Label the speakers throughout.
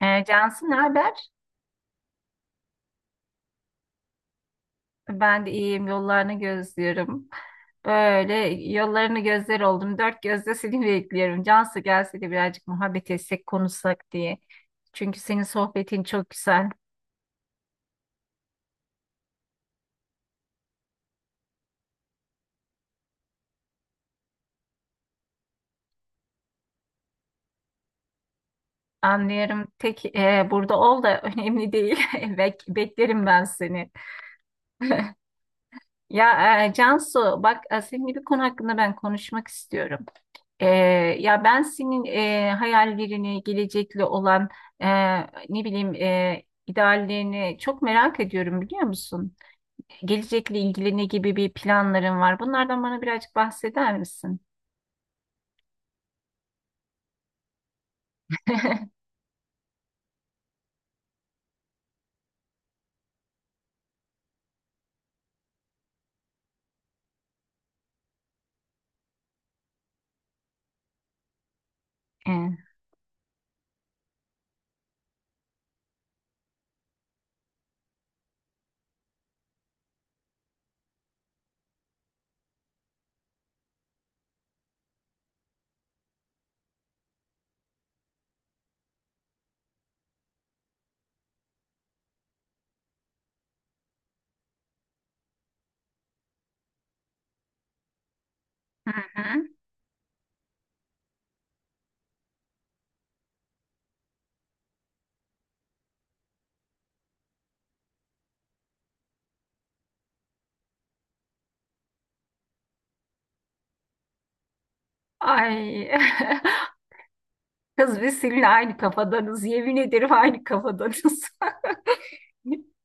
Speaker 1: Cansu ne haber? Ben de iyiyim. Yollarını gözlüyorum. Böyle yollarını gözler oldum. Dört gözle seni bekliyorum. Cansu gelse de birazcık muhabbet etsek, konuşsak diye. Çünkü senin sohbetin çok güzel. Anlıyorum. Tek burada ol da önemli değil. Beklerim ben seni. Ya Cansu bak seninle bir konu hakkında ben konuşmak istiyorum. Ee, ya ben senin hayallerini, gelecekle olan e, ne bileyim ideallerini çok merak ediyorum biliyor musun? Gelecekle ilgili ne gibi bir planların var? Bunlardan bana birazcık bahseder misin? Hı hı. Ay kız biz seninle aynı kafadanız. Yemin ederim aynı kafadanız.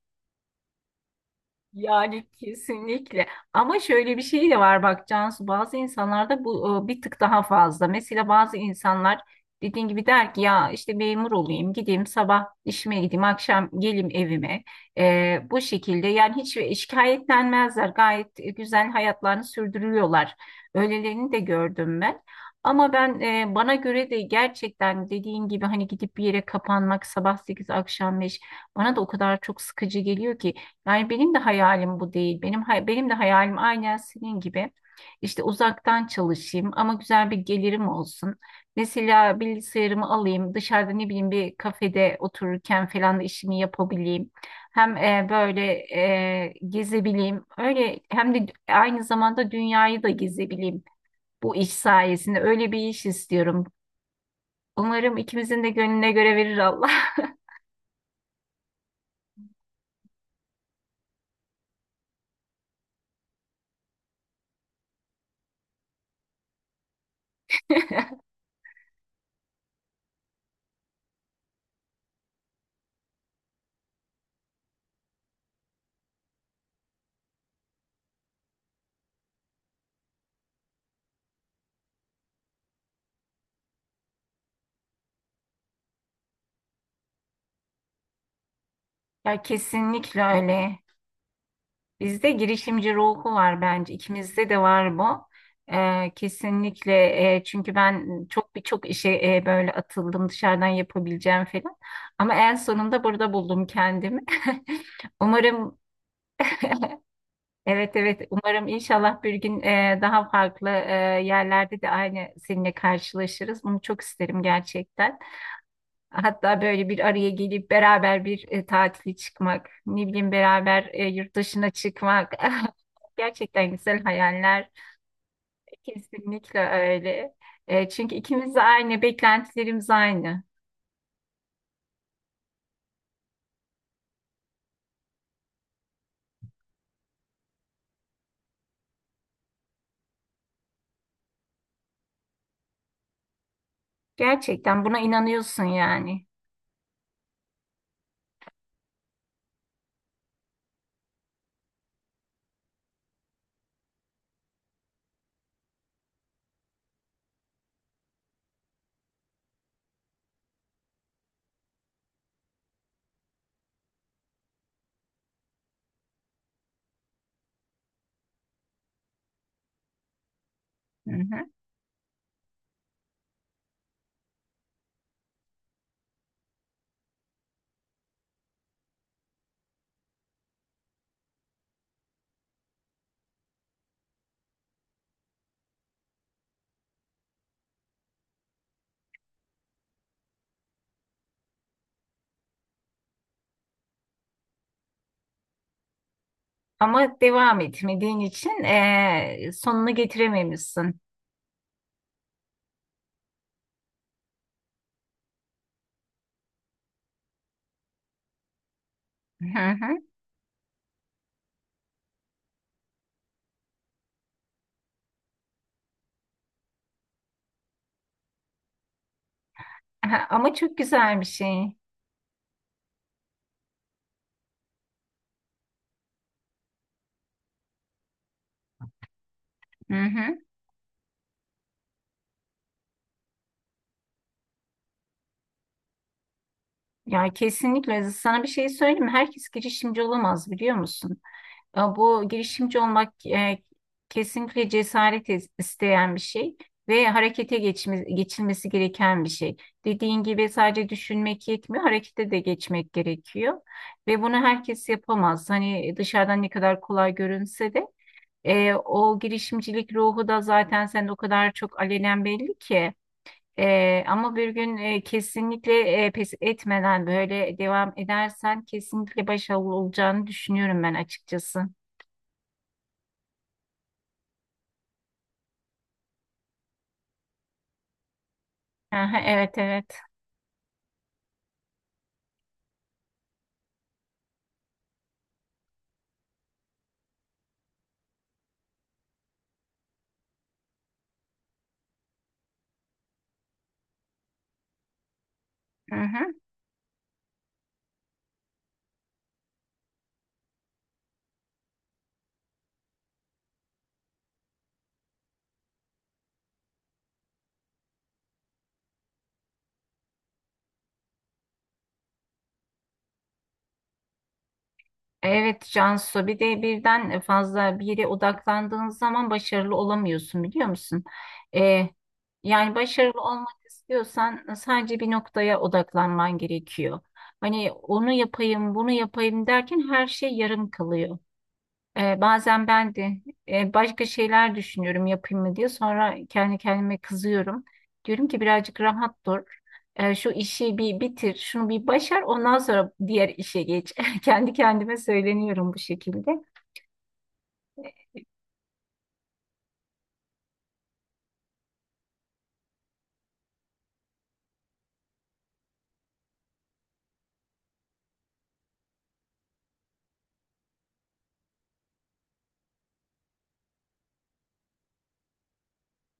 Speaker 1: Yani kesinlikle. Ama şöyle bir şey de var bak Cansu, bazı insanlarda bu bir tık daha fazla. Mesela bazı insanlar dediğin gibi der ki ya işte memur olayım, gideyim sabah işime, gideyim akşam gelim evime. E, bu şekilde yani hiç şikayetlenmezler, gayet güzel hayatlarını sürdürüyorlar. Öylelerini de gördüm ben. Ama ben bana göre de gerçekten dediğin gibi hani gidip bir yere kapanmak sabah 8 akşam 5 bana da o kadar çok sıkıcı geliyor ki. Yani benim de hayalim bu değil. Benim de hayalim aynen senin gibi. İşte uzaktan çalışayım ama güzel bir gelirim olsun. Mesela bilgisayarımı alayım, dışarıda ne bileyim bir kafede otururken falan da işimi yapabileyim. Hem böyle gezebileyim. Öyle hem de aynı zamanda dünyayı da gezebileyim bu iş sayesinde. Öyle bir iş istiyorum. Umarım ikimizin de gönlüne göre verir Allah. Ya kesinlikle öyle. Bizde girişimci ruhu var bence. İkimizde de var bu. Kesinlikle çünkü ben birçok işe böyle atıldım, dışarıdan yapabileceğim falan. Ama en sonunda burada buldum kendimi. Umarım evet evet, umarım inşallah bir gün daha farklı yerlerde de aynı seninle karşılaşırız. Bunu çok isterim gerçekten. Hatta böyle bir araya gelip beraber bir tatile çıkmak, ne bileyim beraber yurt dışına çıkmak. Gerçekten güzel hayaller. Kesinlikle öyle. E, çünkü ikimiz de aynı, beklentilerimiz aynı. Gerçekten buna inanıyorsun yani. Hı hı. Ama devam etmediğin için sonunu getirememişsin. Hı hı. Aha, ama çok güzel bir şey. Hı hı. Ya kesinlikle, sana bir şey söyleyeyim mi? Herkes girişimci olamaz biliyor musun? E, bu girişimci olmak kesinlikle cesaret isteyen bir şey ve harekete geçilmesi gereken bir şey. Dediğin gibi sadece düşünmek yetmiyor, harekete de geçmek gerekiyor. Ve bunu herkes yapamaz. Hani dışarıdan ne kadar kolay görünse de o girişimcilik ruhu da zaten sende o kadar çok alenen belli ki. E, ama bir gün kesinlikle pes etmeden böyle devam edersen kesinlikle başarılı olacağını düşünüyorum ben açıkçası. Aha, evet evet. Aha. Evet Cansu, bir de birden fazla bir yere odaklandığın zaman başarılı olamıyorsun biliyor musun? Ee, yani başarılı olmak istiyorsan sadece bir noktaya odaklanman gerekiyor. Hani onu yapayım bunu yapayım derken her şey yarım kalıyor. Bazen ben de başka şeyler düşünüyorum yapayım mı diye. Sonra kendi kendime kızıyorum. Diyorum ki birazcık rahat dur. Şu işi bir bitir, şunu bir başar, ondan sonra diğer işe geç. Kendi kendime söyleniyorum bu şekilde. Hı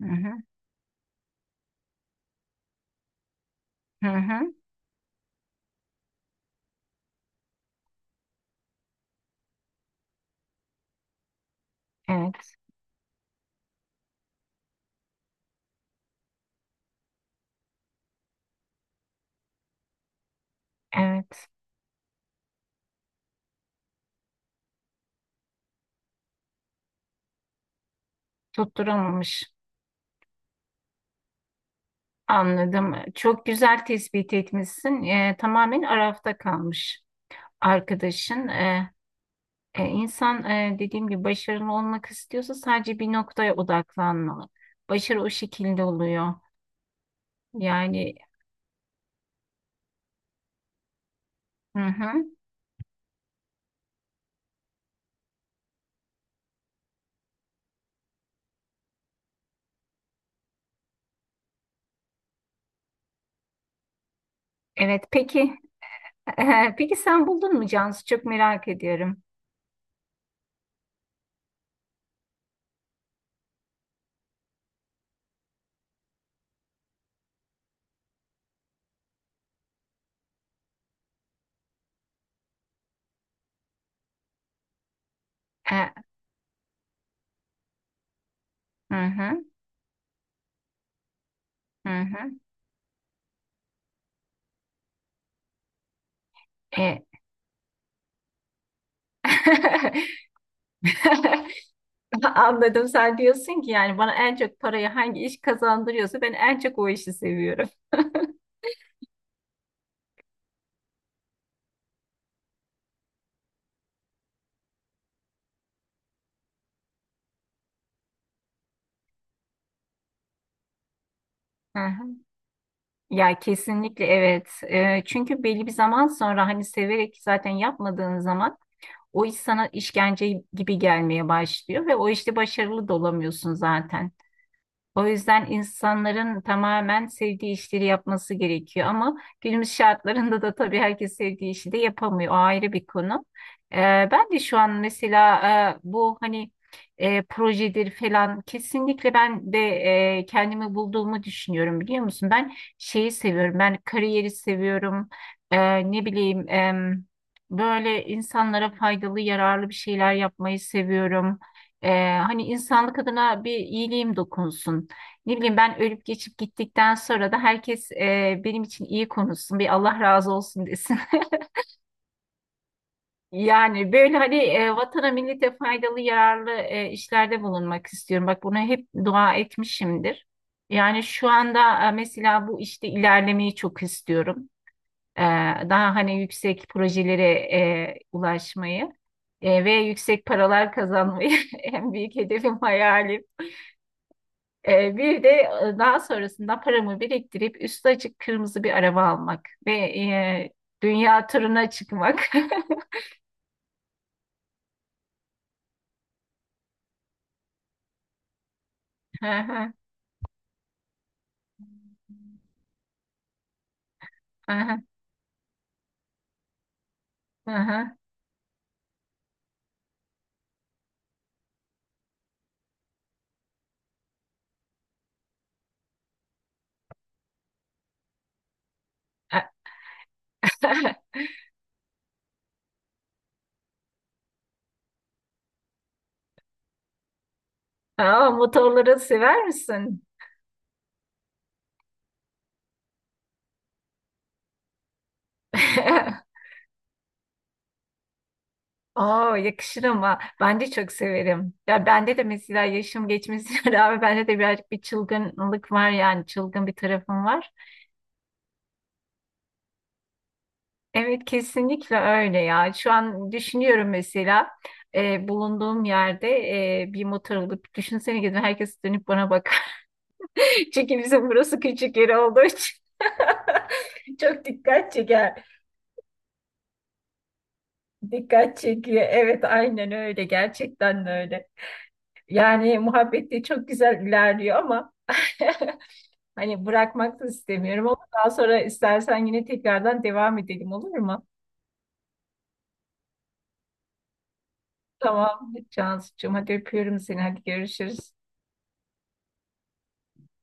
Speaker 1: hı, hı hı. Evet, evet. Tutturamamış. Anladım. Çok güzel tespit etmişsin. Tamamen arafta kalmış arkadaşın. E, insan dediğim gibi başarılı olmak istiyorsa sadece bir noktaya odaklanmalı. Başarı o şekilde oluyor. Yani hı hı. Evet peki, peki sen buldun mu Cansu? Çok merak ediyorum. E, hı hı hı hı. E, anladım. Sen diyorsun ki yani bana en çok parayı hangi iş kazandırıyorsa ben en çok o işi seviyorum. Hı hı. Ya kesinlikle evet. Çünkü belli bir zaman sonra hani severek zaten yapmadığın zaman o iş sana işkence gibi gelmeye başlıyor ve o işte başarılı da olamıyorsun zaten. O yüzden insanların tamamen sevdiği işleri yapması gerekiyor. Ama günümüz şartlarında da tabii herkes sevdiği işi de yapamıyor. O ayrı bir konu. Ben de şu an mesela bu hani projedir falan, kesinlikle ben de kendimi bulduğumu düşünüyorum biliyor musun? Ben şeyi seviyorum. Ben kariyeri seviyorum. Ne bileyim böyle insanlara faydalı, yararlı bir şeyler yapmayı seviyorum. Ee, hani insanlık adına bir iyiliğim dokunsun. Ne bileyim, ben ölüp geçip gittikten sonra da herkes benim için iyi konuşsun, bir Allah razı olsun desin. Yani böyle hani vatana millete faydalı yararlı işlerde bulunmak istiyorum. Bak buna hep dua etmişimdir. Yani şu anda mesela bu işte ilerlemeyi çok istiyorum. E, daha hani yüksek projelere ulaşmayı ve yüksek paralar kazanmayı en büyük hedefim, hayalim. Bir de daha sonrasında paramı biriktirip üstü açık kırmızı bir araba almak ve dünya turuna çıkmak. Aha, aha, aha. Aa, motorları sever misin? Oo, yakışır ama ben de çok severim. Ya bende de mesela yaşım geçmesine rağmen bende de birazcık bir çılgınlık var, yani çılgın bir tarafım var. Evet kesinlikle öyle ya. Şu an düşünüyorum mesela bulunduğum yerde bir motor alıp düşünsene, gidin herkes dönüp bana bak. Çünkü bizim burası küçük yer olduğu için. Çok dikkat çeker. Dikkat çekiyor. Evet aynen öyle. Gerçekten de öyle. Yani muhabbet de çok güzel ilerliyor ama hani bırakmak da istemiyorum, ama daha sonra istersen yine tekrardan devam edelim olur mu? Tamam Cansucuğum, hadi öpüyorum seni. Hadi görüşürüz.